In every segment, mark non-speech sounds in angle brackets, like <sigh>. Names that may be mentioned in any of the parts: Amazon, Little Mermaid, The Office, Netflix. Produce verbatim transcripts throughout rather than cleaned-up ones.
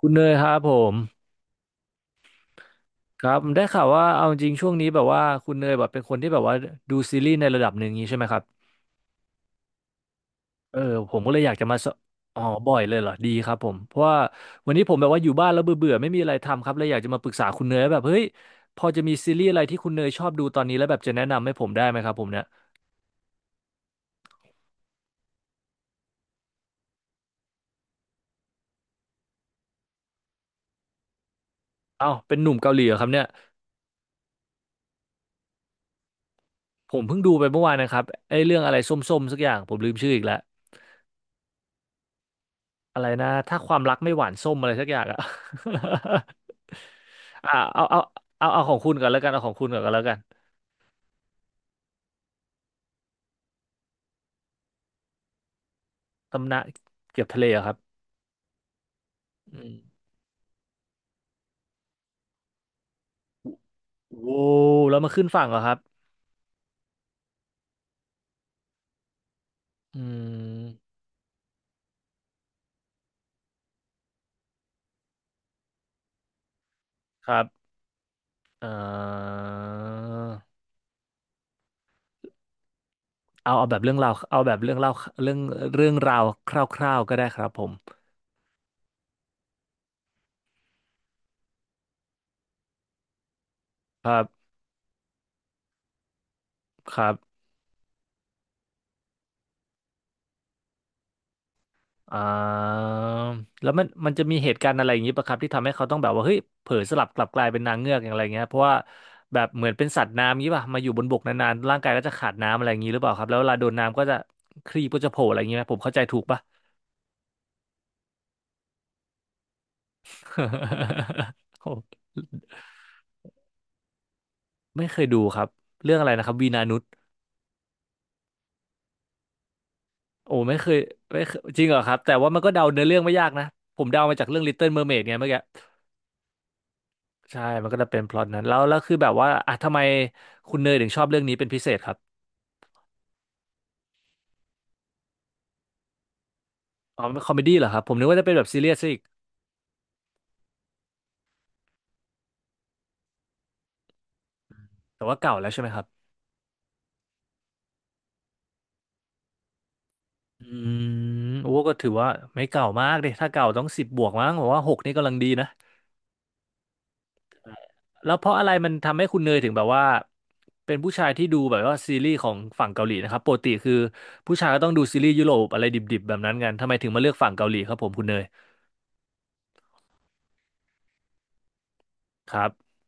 คุณเนยครับผมครับได้ข่าวว่าเอาจริงช่วงนี้แบบว่าคุณเนยแบบเป็นคนที่แบบว่าดูซีรีส์ในระดับหนึ่งงี้ใช่ไหมครับเออผมก็เลยอยากจะมาสอ๋อบ่อยเลยเหรอดีครับผมเพราะว่าวันนี้ผมแบบว่าอยู่บ้านแล้วเบื่อเบื่อไม่มีอะไรทำครับเลยอยากจะมาปรึกษาคุณเนยว่าแบบเฮ้ยพอจะมีซีรีส์อะไรที่คุณเนยชอบดูตอนนี้แล้วแบบจะแนะนำให้ผมได้ไหมครับผมเนี่ยเอ้าเป็นหนุ่มเกาหลีเหรอครับเนี่ยผมเพิ่งดูไปเมื่อวานนะครับไอ้เรื่องอะไรส้มๆสักอย่างผมลืมชื่ออีกแล้ว อะไรนะถ้าความรักไม่หวานส้มอะไรสักอย่างอะ <laughs> อ่าเอาเอาเอาเอาของคุณก่อนแล้วกันเอาของคุณก่อนก็แล้วกันตำนานเกือบทะเลเหรอครับอืมโว้วแล้วมาขึ้นฝั่งเหรอครับอืมครับเอ่อเอาเอาแบบเรื่องราวเอาแบบเรื่องเล่าเรื่องเรื่องราวคร่าวๆก็ได้ครับผมครับครับ อ่าแล้วมันมันจะมีเหตุการณ์อะไรอย่างนี้ปะครับที่ทำให้เขาต้องแบบว่าเฮ้ยเผลอสลับกลับกลายเป็นนางเงือกอย่างไรเงี้ยเพราะว่าแบบเหมือนเป็นสัตว์น้ำงี้ป่ะมาอยู่บนบกนานๆร่างกายก็จะขาดน้ำอะไรอย่างนี้หรือเปล่าครับแล้วเวลาโดนน้ำก็จะครีบก็จะโผล่อะไรอย่างนี้ไหมผมเข้าใจถูกป่ะ <laughs> โอ้ไม่เคยดูครับเรื่องอะไรนะครับวีนานุชโอ้ไม่เคยไม่เคยจริงเหรอครับแต่ว่ามันก็เดาเนื้อเรื่องไม่ยากนะผมเดามาจากเรื่อง Little Mermaid ไงเมื่อกี้ใช่มันก็จะเป็นพล็อตนั้นแล้วแล้วคือแบบว่าอ่ะทำไมคุณเนยถึงชอบเรื่องนี้เป็นพิเศษครับ อ๋อเป็นคอมเมดี้เหรอครับผมนึกว่าจะเป็นแบบซีเรียสซะอีกแต่ว่าเก่าแล้วใช่ไหมครับอืมโอ้ก็ถือว่าไม่เก่ามากดิถ้าเก่าต้องสิบบวกมั้งผมว่าหกนี่กำลังดีนะแล้วเพราะอะไรมันทำให้คุณเนยถึงแบบว่าเป็นผู้ชายที่ดูแบบว่าซีรีส์ของฝั่งเกาหลีนะครับปกติคือผู้ชายก็ต้องดูซีรีส์ยุโรปอะไรดิบๆแบบนั้นกันทำไมถึงมาเลือกฝั่งเกาหลีครับผมคุณเนยครับ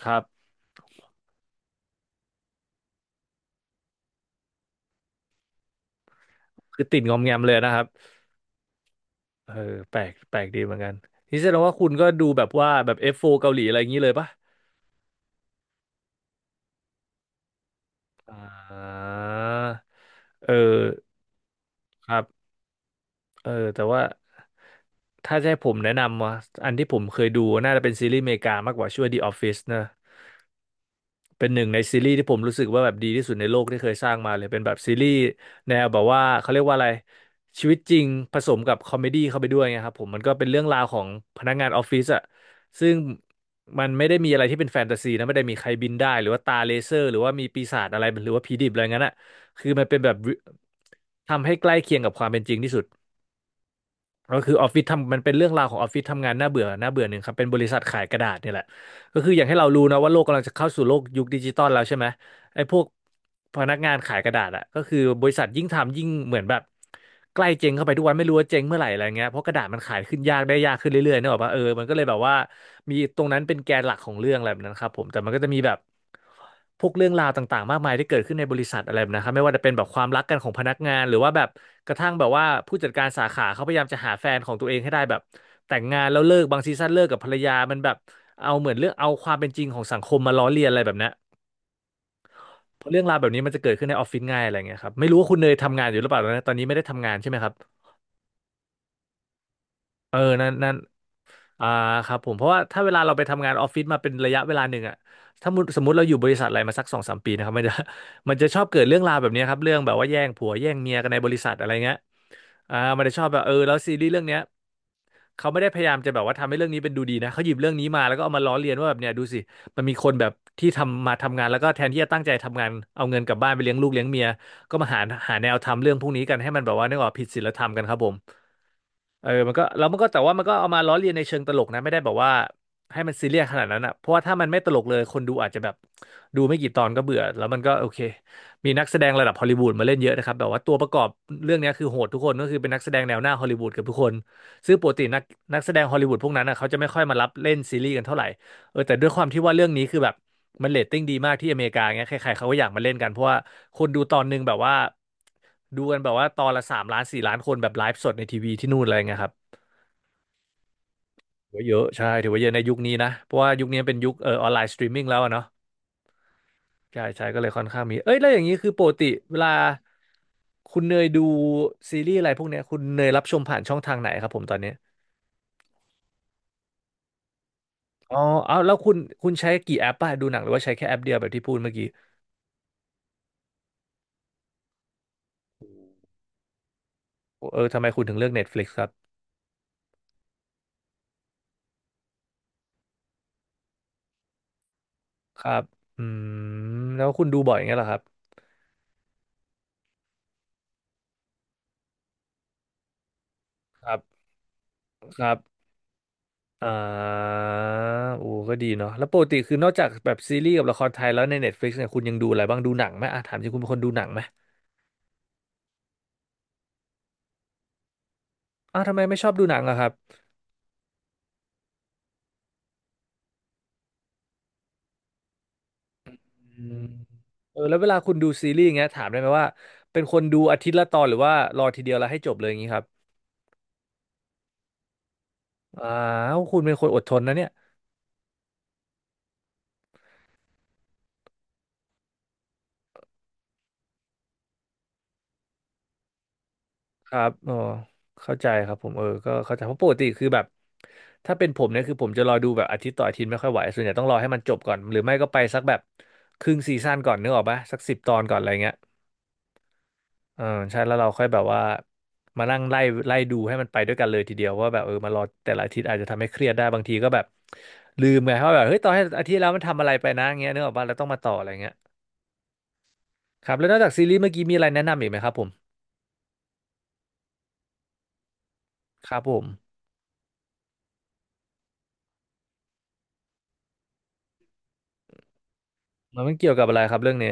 ครับคือติดงอมแงมเลยนะครับเออแปลกแปลกดีเหมือนกันนี่แสดงว่าคุณก็ดูแบบว่าแบบ เอฟ โฟร์ เกาหลีอะไรอย่างนี้เลยปะ อ่าเออครับเออ แต่ว่าถ้าจะให้ผมแนะนำว่าอันที่ผมเคยดูน่าจะเป็นซีรีส์อเมริกามากกว่าชื่อว่า The Office นะ เป็นหนึ่งในซีรีส์ที่ผมรู้สึกว่าแบบดีที่สุดในโลกที่เคยสร้างมาเลยเป็นแบบซีรีส์แนวแบบว่าเขาเรียกว่าอะไรชีวิตจริงผสมกับคอมเมดี้เข้าไปด้วยไงครับผมมันก็เป็นเรื่องราวของพนักงานออฟฟิศอะซึ่งมันไม่ได้มีอะไรที่เป็นแฟนตาซีนะไม่ได้มีใครบินได้หรือว่าตาเลเซอร์หรือว่ามีปีศาจอะไรหรือว่าผีดิบอะไรงั้นอะคือมันเป็นแบบทำให้ใกล้เคียงกับความเป็นจริงที่สุดก็คือออฟฟิศทำมันเป็นเรื่องราวของออฟฟิศทำงานน่าเบื่อน่าเบื่อหนึ่งครับเป็นบริษัทขายกระดาษเนี่ยแหละก็คืออย่างให้เรารู้นะว่าโลกกำลังจะเข้าสู่โลกยุคดิจิตอลแล้วใช่ไหม ไอ้พวกพนักงานขายกระดาษอะก็คือบริษัทยิ่งทำยิ่งเหมือนแบบใกล้เจ๊งเข้าไปทุกวันไม่รู้ว่าเจ๊งเมื่อไหร่อะไรเงี้ยเพราะกระดาษมันขายขึ้นยากได้ยากขึ้นเรื่อยๆนึกออกปะเออมันก็เลยแบบว่ามีตรงนั้นเป็นแกนหลักของเรื่องอะไรแบบนั้นครับผมแต่มันก็จะมีแบบพวกเรื่องราวต่างๆมากมายที่เกิดขึ้นในบริษัทอะไรแบบนะครับไม่ว่าจะเป็นแบบความรักกันของพนักงานหรือว่าแบบกระทั่งแบบว่าผู้จัดการสาขาเขาพยายามจะหาแฟนของตัวเองให้ได้แบบแต่งงานแล้วเลิกบางซีซั่นเลิกกับภรรยามันแบบเอาเหมือนเรื่องเอาความเป็นจริงของสังคมมาล้อเลียนอะไรแบบเนี้ย เพราะเรื่องราวแบบนี้มันจะเกิดขึ้นในออฟฟิศง่ายอะไรเงี้ยครับไม่รู้ว่าคุณเนยทำงานอยู่หรือเปล่าตอนนี้ตอนนี้ไม่ได้ทำงานใช่ไหมครับเออนั่นนั่นอ่าครับผมเพราะว่าถ้าเวลาเราไปทำงานออฟฟิศมาเป็นระยะเวลาหนึ่งอะถ้ามุติสมมติเราอยู่บริษัทอะไรมาสักสองสามปีนะครับมันจะ <laughs> มันจะชอบเกิดเรื่องราวแบบเนี้ยครับเรื่องแบบว่าแย่งผัวแย่งเมียกันในบริษัทอะไรเงี้ยอ่ามันจะชอบแบบเออแล้วซีรีส์เรื่องเนี้ย เขาไม่ได้พยายามจะแบบว่าทำให้เรื่องนี้เป็นดูดีนะเขาหยิบเรื่องนี้มาแล้วก็เอามาล้อเลียนว่าแบบเนี่ยดูสิมันมีคนแบบที่ทำมาทำงานแล้วก็แทนที่จะตั้งใจทำงานเอาเงินกลับบ้านไปเลี้ยงลูกเลี้ยงเมียก็มาหาหาแนวทำเรื่องพวกนี้กันให้มันแบบว่านึกออกผิดศีลธรรมกันครับผม เออมันก็แล้วมันก็แต่ว่ามันก็เอามาล้อเลียนในเชิงตลกนะไม่ได้แบบว่าให้มันซีเรียสขนาดนั้นอ่ะเพราะว่าถ้ามันไม่ตลกเลยคนดูอาจจะแบบดูไม่กี่ตอนก็เบื่อแล้วมันก็โอเคมีนักแสดงระดับฮอลลีวูดมาเล่นเยอะนะครับแบบว่าตัวประกอบเรื่องเนี้ยคือโหดทุกคนก็คือเป็นนักแสดงแนวหน้าฮอลลีวูดเกับทุกคนซึ่งปกตินักนักแสดงฮอลลีวูดพวกนั้นอ่ะเขาจะไม่ค่อยมารับเล่นซีรีส์กันเท่าไหร่เออแต่ด้วยความที่ว่าเรื่องนี้คือแบบ มันเรตติ้งดีมากที่อเมริกาเงี้ยใครๆเขาก็อยากมาเล่นกันเพราะว่าคนดูตอนหนึงแบบว่าดูกันแบบว่าตอนละสามล้านสี่ล้านคนแบบไลฟ์สดในทีวีที่นู่นอะไรเงี้ยครับถือว่าเยอะใช่ถือว่าเยอะในยุคนี้นะเพราะว่ายุคนี้เป็นยุคเอ่อออนไลน์สตรีมมิ่งแล้วอะเนาะใช่ใช่ก็เลยค่อนข้างมีเอ้ยแล้วอย่างนี้คือปกติเวลาคุณเนยดูซีรีส์อะไรพวกเนี้ยคุณเนยรับชมผ่านช่องทางไหนครับผมตอนนี้อ๋อเอาแล้วคุณคุณใช้กี่แอปป่ะดูหนังหรือว่าใช้แค่แอปเดียวแบบที่พูดเมื่อกี้เออทำไมคุณถึงเลือก Netflix ครับครับอืมแล้วคุณดูบ่อยอย่างเงี้ยเหรอครับ ครับครับอ่าโอ้ก็ดีเนาะแล้วปกติคือนอกจากแบบซีรีส์กับละครไทยแล้วใน Netflix เนี่ยคุณยังดูอะไรบ้างดูหนังไหมอ่ะถามจริงคุณเป็นคนดูหนังไหมอ้าวทำไมไม่ชอบดูหนังอะครับอืมเออแล้วเวลาคุณดูซีรีส์อย่างเงี้ยถามได้ไหมว่าเป็นคนดูอาทิตย์ละตอนหรือว่ารอทีเดียวแล้วให้จบเลยอย่างงี้ครับอ้าวคุณเป็นคนอดทนนะเนี่ย ครับอ๋อเข้าใจครับผมเออก็เข้าใจเพราะปกติคือแบบถ้าเป็นผมเนี่ยคือผมจะรอดูแบบอาทิตย์ต่ออาทิตย์ไม่ค่อยไหวส่วนใหญ่ต้องรอให้มันจบก่อนหรือไม่ก็ไปสักแบบครึ่งซีซั่นก่อนนึกออกปะสักสิบตอนก่อนอะไรเงี้ยเออใช่แล้วเราค่อยแบบว่ามานั่งไล่ไล่ดูให้มันไปด้วยกันเลยทีเดียวว่าแบบเออมารอแต่ละอาทิตย์อาจจะทำให้เครียดได้บางทีก็แบบลืมไงเพราะแบบเฮ้ยตอนให้อาทิตย์แล้วมันทำอะไรไปนะเงี้ยนึกออกปะแล้วต้องมาต่ออะไรเงี้ยครับแล้วนอกจากซีรีส์เมื่อกี้มีอะไรแนะนำอีกไหมครับผมครับผมมันเกี่ยวกับอะไรครับเรื่องนี้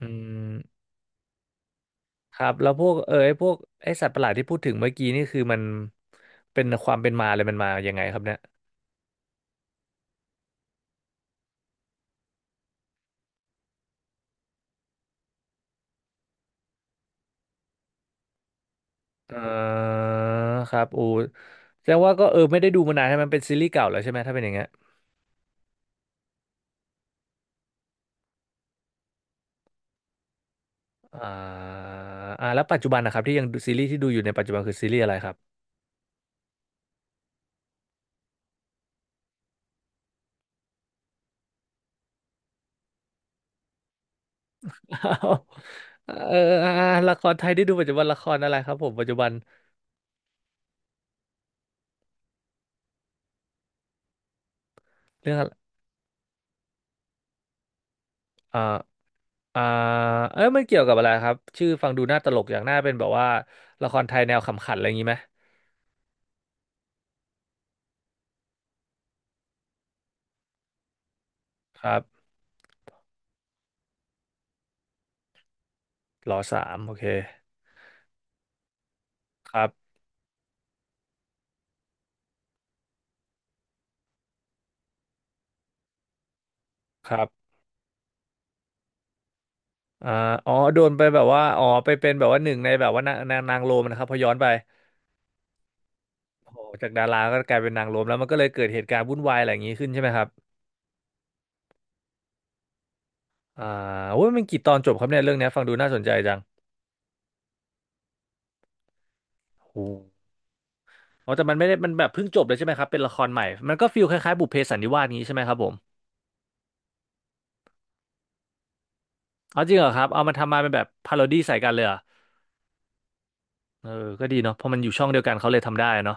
อืม ครับแล้วพวกเออไอ้พวกไอ้สัตว์ประหลาดที่พูดถึงเมื่อกี้นี่คือมันเป็นความเป็นมาเลยมันมายังไงครับเนี่ยเออครับอูแสดงว่าก็เออไม่ได้ดูมานานใช่ไหมมันเป็นซีรีส์เก่าแล้วใช่ไหมถ้าเป็นอย่างเงี้ยอ่าอ่าแล้วปัจจุบันนะครับที่ยังดูซีรีส์ที่ดูอยู่ในปัจจุบันคือซีรีส์อะไรครับ <laughs> เอออ่าละครไทยที่ดูปัจจุบันละครอะไรครับผมปัจจุบันเรื่องอะไรอ่าอ่าเอ้ยมันเกี่ยวกับอะไรครับชื่อฟังดูน่าตลกอย่างน่าเป็นแบบว่าละครไทยแนวขำขันอะไรอย่างนี้ไหมครับ รอสามโอเคครับครับอ่าอ๋อโดนไปแบบว่าอ๋อไปเป็นแบบว่าหนึ่งในแบบว่านางนางนางโรมนะครับพอย้อนไปโอ้โหจากดาราก็กลายเป็นนางโรมแล้วมันก็เลยเกิดเหตุการณ์วุ่นวายอะไรอย่างนี้ขึ้นใช่ไหมครับอ่าโอ้ยมันกี่ตอนจบครับเนี่ยเรื่องเนี้ยฟังดูน่าสนใจจังโอ้อ๋อแต่มันไม่ได้มันแบบเพิ่งจบเลยใช่ไหมครับเป็นละครใหม่มันก็ฟีลคล้ายๆบุพเพสันนิวาสงนี้ใช่ไหมครับผมเอาจริงเหรอครับเอามาทำมาเป็นแบบพาโรดี้ใส่กันเลยเหรอเออก็ดีเนาะเพราะมันอยู่ช่องเดียวกันเขาเลยทำได้เนาะ